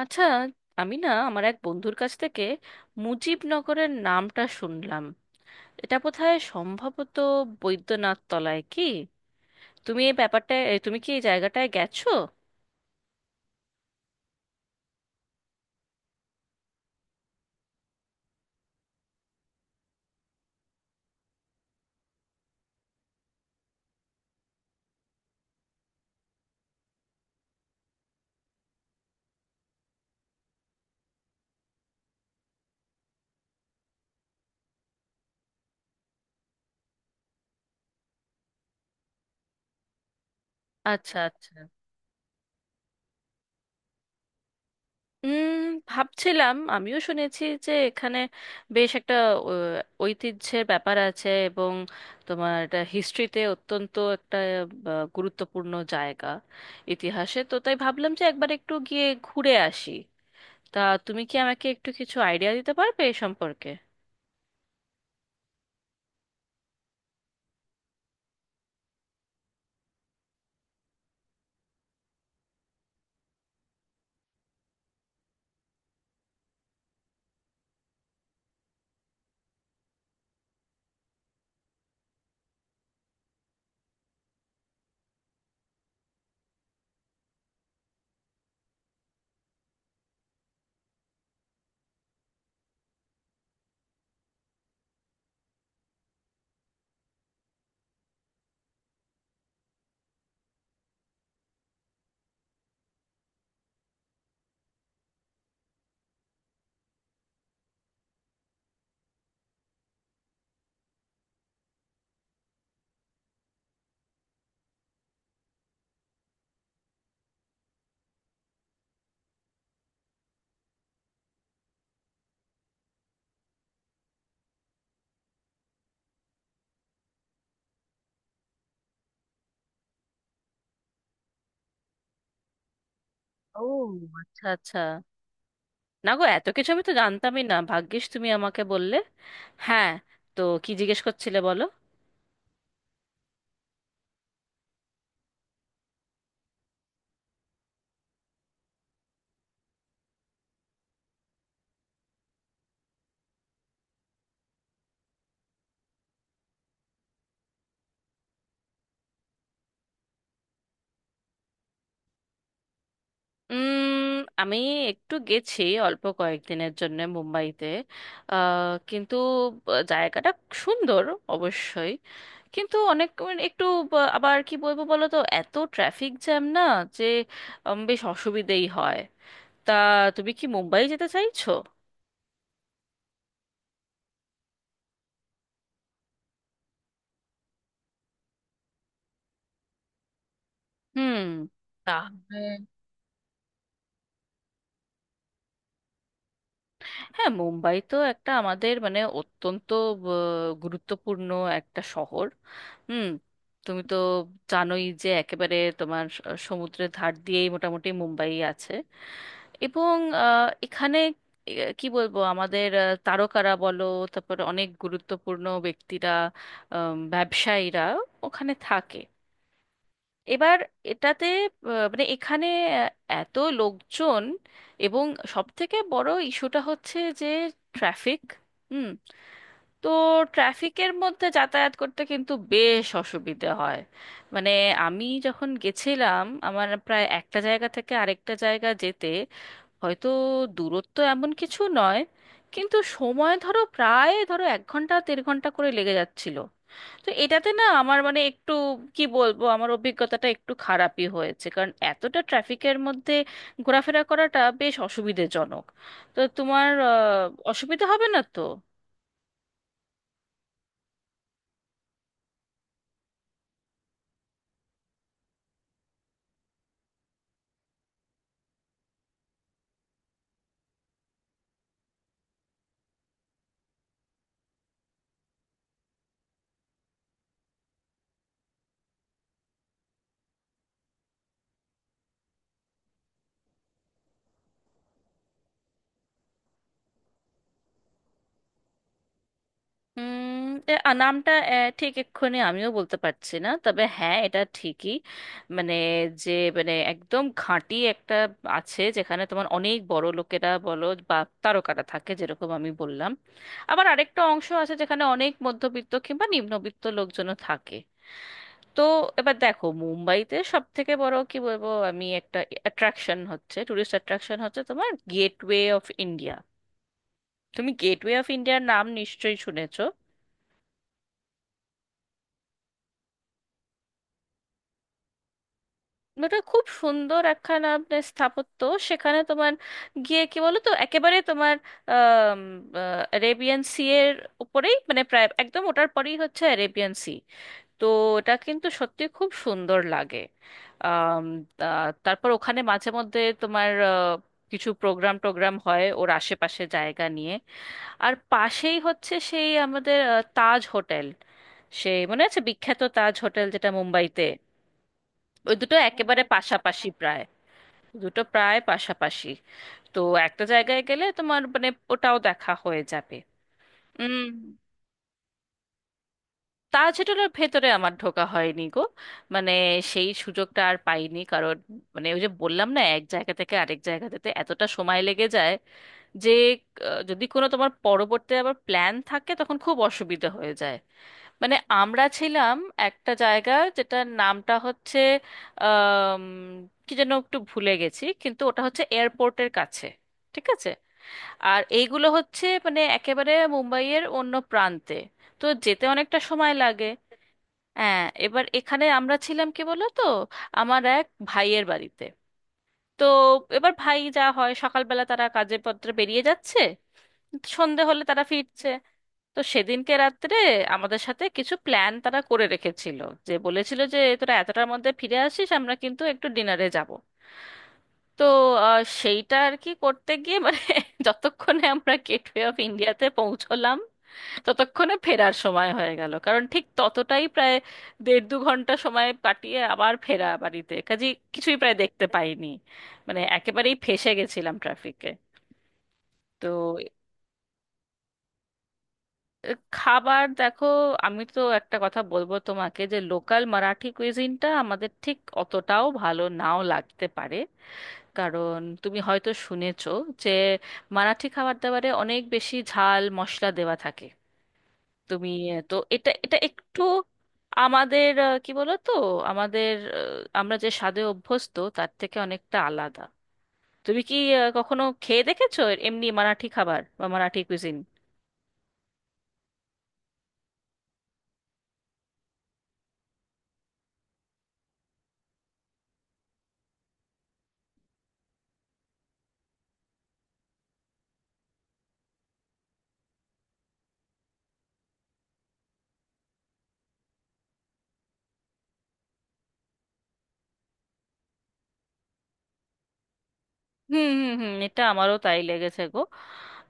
আচ্ছা, আমি না আমার এক বন্ধুর কাছ থেকে মুজিবনগরের নামটা শুনলাম। এটা বোধহয় সম্ভবত বৈদ্যনাথ তলায়, কি তুমি এই ব্যাপারটা তুমি কি এই জায়গাটায় গেছো? আচ্ছা আচ্ছা। উম ভাবছিলাম, আমিও শুনেছি যে এখানে বেশ একটা ঐতিহ্যের ব্যাপার আছে, এবং তোমার এটা হিস্ট্রিতে অত্যন্ত একটা গুরুত্বপূর্ণ জায়গা ইতিহাসে। তো তাই ভাবলাম যে একবার একটু গিয়ে ঘুরে আসি। তা তুমি কি আমাকে একটু কিছু আইডিয়া দিতে পারবে এ সম্পর্কে? ও, আচ্ছা আচ্ছা। না গো, এত কিছু আমি তো জানতামই না, ভাগ্যিস তুমি আমাকে বললে। হ্যাঁ, তো কি জিজ্ঞেস করছিলে বলো? উম আমি একটু গেছি অল্প কয়েকদিনের জন্য মুম্বাইতে। কিন্তু জায়গাটা সুন্দর অবশ্যই, কিন্তু অনেক মানে একটু আবার কি বলবো বলো তো, এত ট্রাফিক জ্যাম না যে বেশ অসুবিধেই হয়। তা তুমি কি মুম্বাই যেতে চাইছো? হুম, তাহলে হ্যাঁ মুম্বাই তো একটা আমাদের মানে অত্যন্ত গুরুত্বপূর্ণ একটা শহর। হুম। তুমি তো জানোই যে একেবারে তোমার সমুদ্রের ধার দিয়েই মোটামুটি মুম্বাই আছে। এবং এখানে কি বলবো, আমাদের তারকারা বলো, তারপর অনেক গুরুত্বপূর্ণ ব্যক্তিরা, ব্যবসায়ীরা ওখানে থাকে। এবার এটাতে মানে এখানে আহ, এত লোকজন, এবং সব থেকে বড় ইস্যুটা হচ্ছে যে ট্রাফিক। হুম। তো ট্রাফিকের মধ্যে যাতায়াত করতে কিন্তু বেশ অসুবিধে হয়। মানে আমি যখন গেছিলাম, আমার প্রায় একটা জায়গা থেকে আরেকটা জায়গা যেতে, হয়তো দূরত্ব এমন কিছু নয়, কিন্তু সময় ধরো প্রায় ধরো এক ঘন্টা দেড় ঘন্টা করে লেগে যাচ্ছিল। তো এটাতে না আমার মানে একটু, কি বলবো, আমার অভিজ্ঞতাটা একটু খারাপই হয়েছে, কারণ এতটা ট্রাফিকের মধ্যে ঘোরাফেরা করাটা বেশ অসুবিধাজনক। তো তোমার অসুবিধা হবে না তো? নামটা ঠিক এক্ষুনি আমিও বলতে পারছি না, তবে হ্যাঁ এটা ঠিকই, মানে যে মানে একদম ঘাঁটি একটা আছে যেখানে তোমার অনেক বড় লোকেরা বলো বা তারকারা থাকে যেরকম আমি বললাম। আবার আরেকটা অংশ আছে যেখানে অনেক মধ্যবিত্ত কিংবা নিম্নবিত্ত লোকজনও থাকে। তো এবার দেখো, মুম্বাইতে সব থেকে বড় কি বলবো আমি একটা অ্যাট্রাকশন হচ্ছে, টুরিস্ট অ্যাট্রাকশন হচ্ছে তোমার গেটওয়ে অফ ইন্ডিয়া। তুমি গেটওয়ে অফ ইন্ডিয়ার নাম নিশ্চয়ই শুনেছো। ওটা খুব সুন্দর একখানা আপনার স্থাপত্য। সেখানে তোমার গিয়ে কি বলো তো, একেবারে তোমার আরেবিয়ান সি এর উপরেই, মানে প্রায় একদম ওটার পরেই হচ্ছে অ্যারেবিয়ান সি। তো ওটা কিন্তু সত্যি খুব সুন্দর লাগে। আম, তারপর ওখানে মাঝে মধ্যে তোমার কিছু প্রোগ্রাম টোগ্রাম হয় ওর আশেপাশে জায়গা নিয়ে। আর পাশেই হচ্ছে সেই আমাদের তাজ হোটেল, সেই মনে আছে বিখ্যাত তাজ হোটেল যেটা মুম্বাইতে। ওই দুটো একেবারে পাশাপাশি প্রায়, দুটো প্রায় পাশাপাশি। তো একটা জায়গায় গেলে তোমার মানে ওটাও দেখা হয়ে যাবে। হুম। তাজ হোটেলের ভেতরে আমার ঢোকা হয়নি গো। মানে সেই সুযোগটা আর পাইনি, কারণ মানে ওই যে বললাম না, এক জায়গা থেকে আরেক জায়গাতে এতটা সময় লেগে যায় যে যদি কোনো তোমার পরবর্তী আবার প্ল্যান থাকে তখন খুব অসুবিধা হয়ে যায়। মানে আমরা ছিলাম একটা জায়গা যেটার নামটা হচ্ছে আম, কি যেন একটু ভুলে গেছি, কিন্তু ওটা হচ্ছে এয়ারপোর্টের কাছে, ঠিক আছে? আর এইগুলো হচ্ছে মানে একেবারে মুম্বাইয়ের অন্য প্রান্তে, তো যেতে অনেকটা সময় লাগে। হ্যাঁ, এবার এখানে আমরা ছিলাম কি বলো তো, আমার এক ভাইয়ের বাড়িতে। তো এবার ভাই যা হয়, সকালবেলা তারা কাজে পত্রে বেরিয়ে যাচ্ছে, সন্ধে হলে তারা ফিরছে। তো সেদিনকে রাত্রে আমাদের সাথে কিছু প্ল্যান তারা করে রেখেছিল, যে বলেছিল যে তোরা এতটার মধ্যে ফিরে আসিস, আমরা কিন্তু একটু ডিনারে যাব। তো সেইটা আর কি করতে গিয়ে মানে যতক্ষণে আমরা গেটওয়ে অফ ইন্ডিয়াতে পৌঁছলাম, ততক্ষণে ফেরার সময় হয়ে গেল, কারণ ঠিক ততটাই প্রায় দেড় দু ঘন্টা সময় কাটিয়ে আবার ফেরা বাড়িতে কাজে। কিছুই প্রায় দেখতে পাইনি, মানে একেবারেই ফেঁসে গেছিলাম ট্রাফিকে। তো খাবার দেখো, আমি তো একটা কথা বলবো তোমাকে যে লোকাল মারাঠি কুইজিনটা আমাদের ঠিক অতটাও ভালো নাও লাগতে পারে, কারণ তুমি হয়তো শুনেছো যে মারাঠি খাবার দাবারে অনেক বেশি ঝাল মশলা দেওয়া থাকে। তুমি তো এটা এটা একটু আমাদের কি বলো তো, আমাদের আমরা যে স্বাদে অভ্যস্ত তার থেকে অনেকটা আলাদা। তুমি কি কখনো খেয়ে দেখেছো এমনি মারাঠি খাবার বা মারাঠি কুইজিন? হুম হুম হুম, এটা আমারও তাই লেগেছে গো।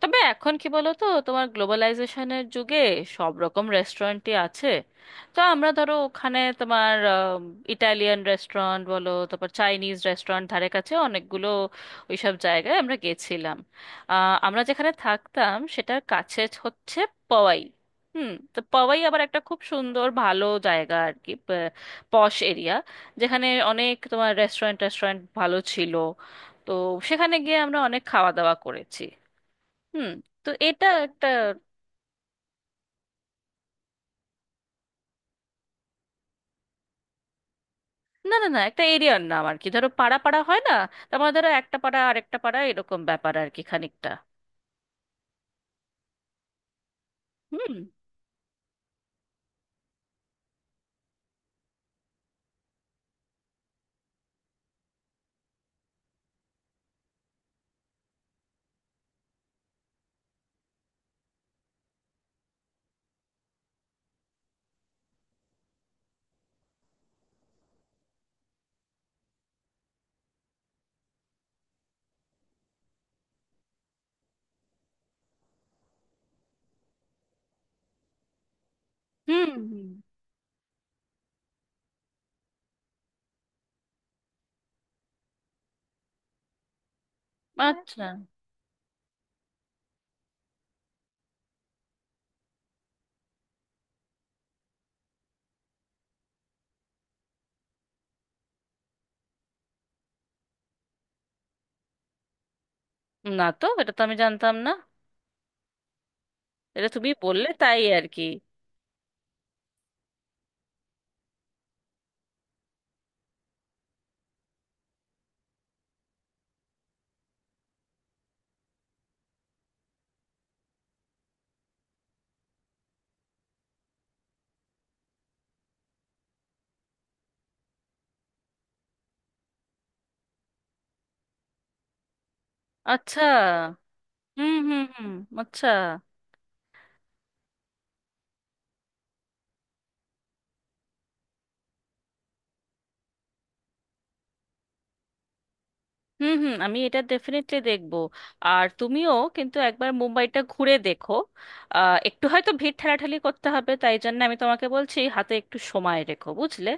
তবে এখন কি বলো তো, তোমার গ্লোবালাইজেশনের যুগে সব রকম রেস্টুরেন্টই আছে। তো আমরা ধরো ওখানে তোমার ইটালিয়ান রেস্টুরেন্ট বলো, তারপর চাইনিজ রেস্টুরেন্ট, ধারে কাছে অনেকগুলো ওইসব জায়গায় আমরা গেছিলাম। আমরা যেখানে থাকতাম সেটার কাছে হচ্ছে পওয়াই। হুম, তো পওয়াই আবার একটা খুব সুন্দর ভালো জায়গা আর কি, পশ এরিয়া, যেখানে অনেক তোমার রেস্টুরেন্ট রেস্টুরেন্ট ভালো ছিল। তো সেখানে গিয়ে আমরা অনেক খাওয়া দাওয়া করেছি। হুম। তো এটা একটা। না না না, একটা এরিয়ার নাম আর কি। ধরো পাড়া পাড়া হয় না, তারপরে ধরো একটা পাড়া আরেকটা পাড়া, এরকম ব্যাপার আর কি খানিকটা। হুম হুম হুম, আচ্ছা। না তো, এটা তো আমি জানতাম না, এটা তুমি বললে তাই আর কি। আচ্ছা। হুম হুম হুম, আচ্ছা। হুম হুম, আমি এটা ডেফিনেটলি দেখবো। আর তুমিও কিন্তু একবার মুম্বাইটা ঘুরে দেখো। একটু হয়তো ভিড় ঠেলাঠেলি করতে হবে, তাই জন্য আমি তোমাকে বলছি হাতে একটু সময় রেখো, বুঝলে?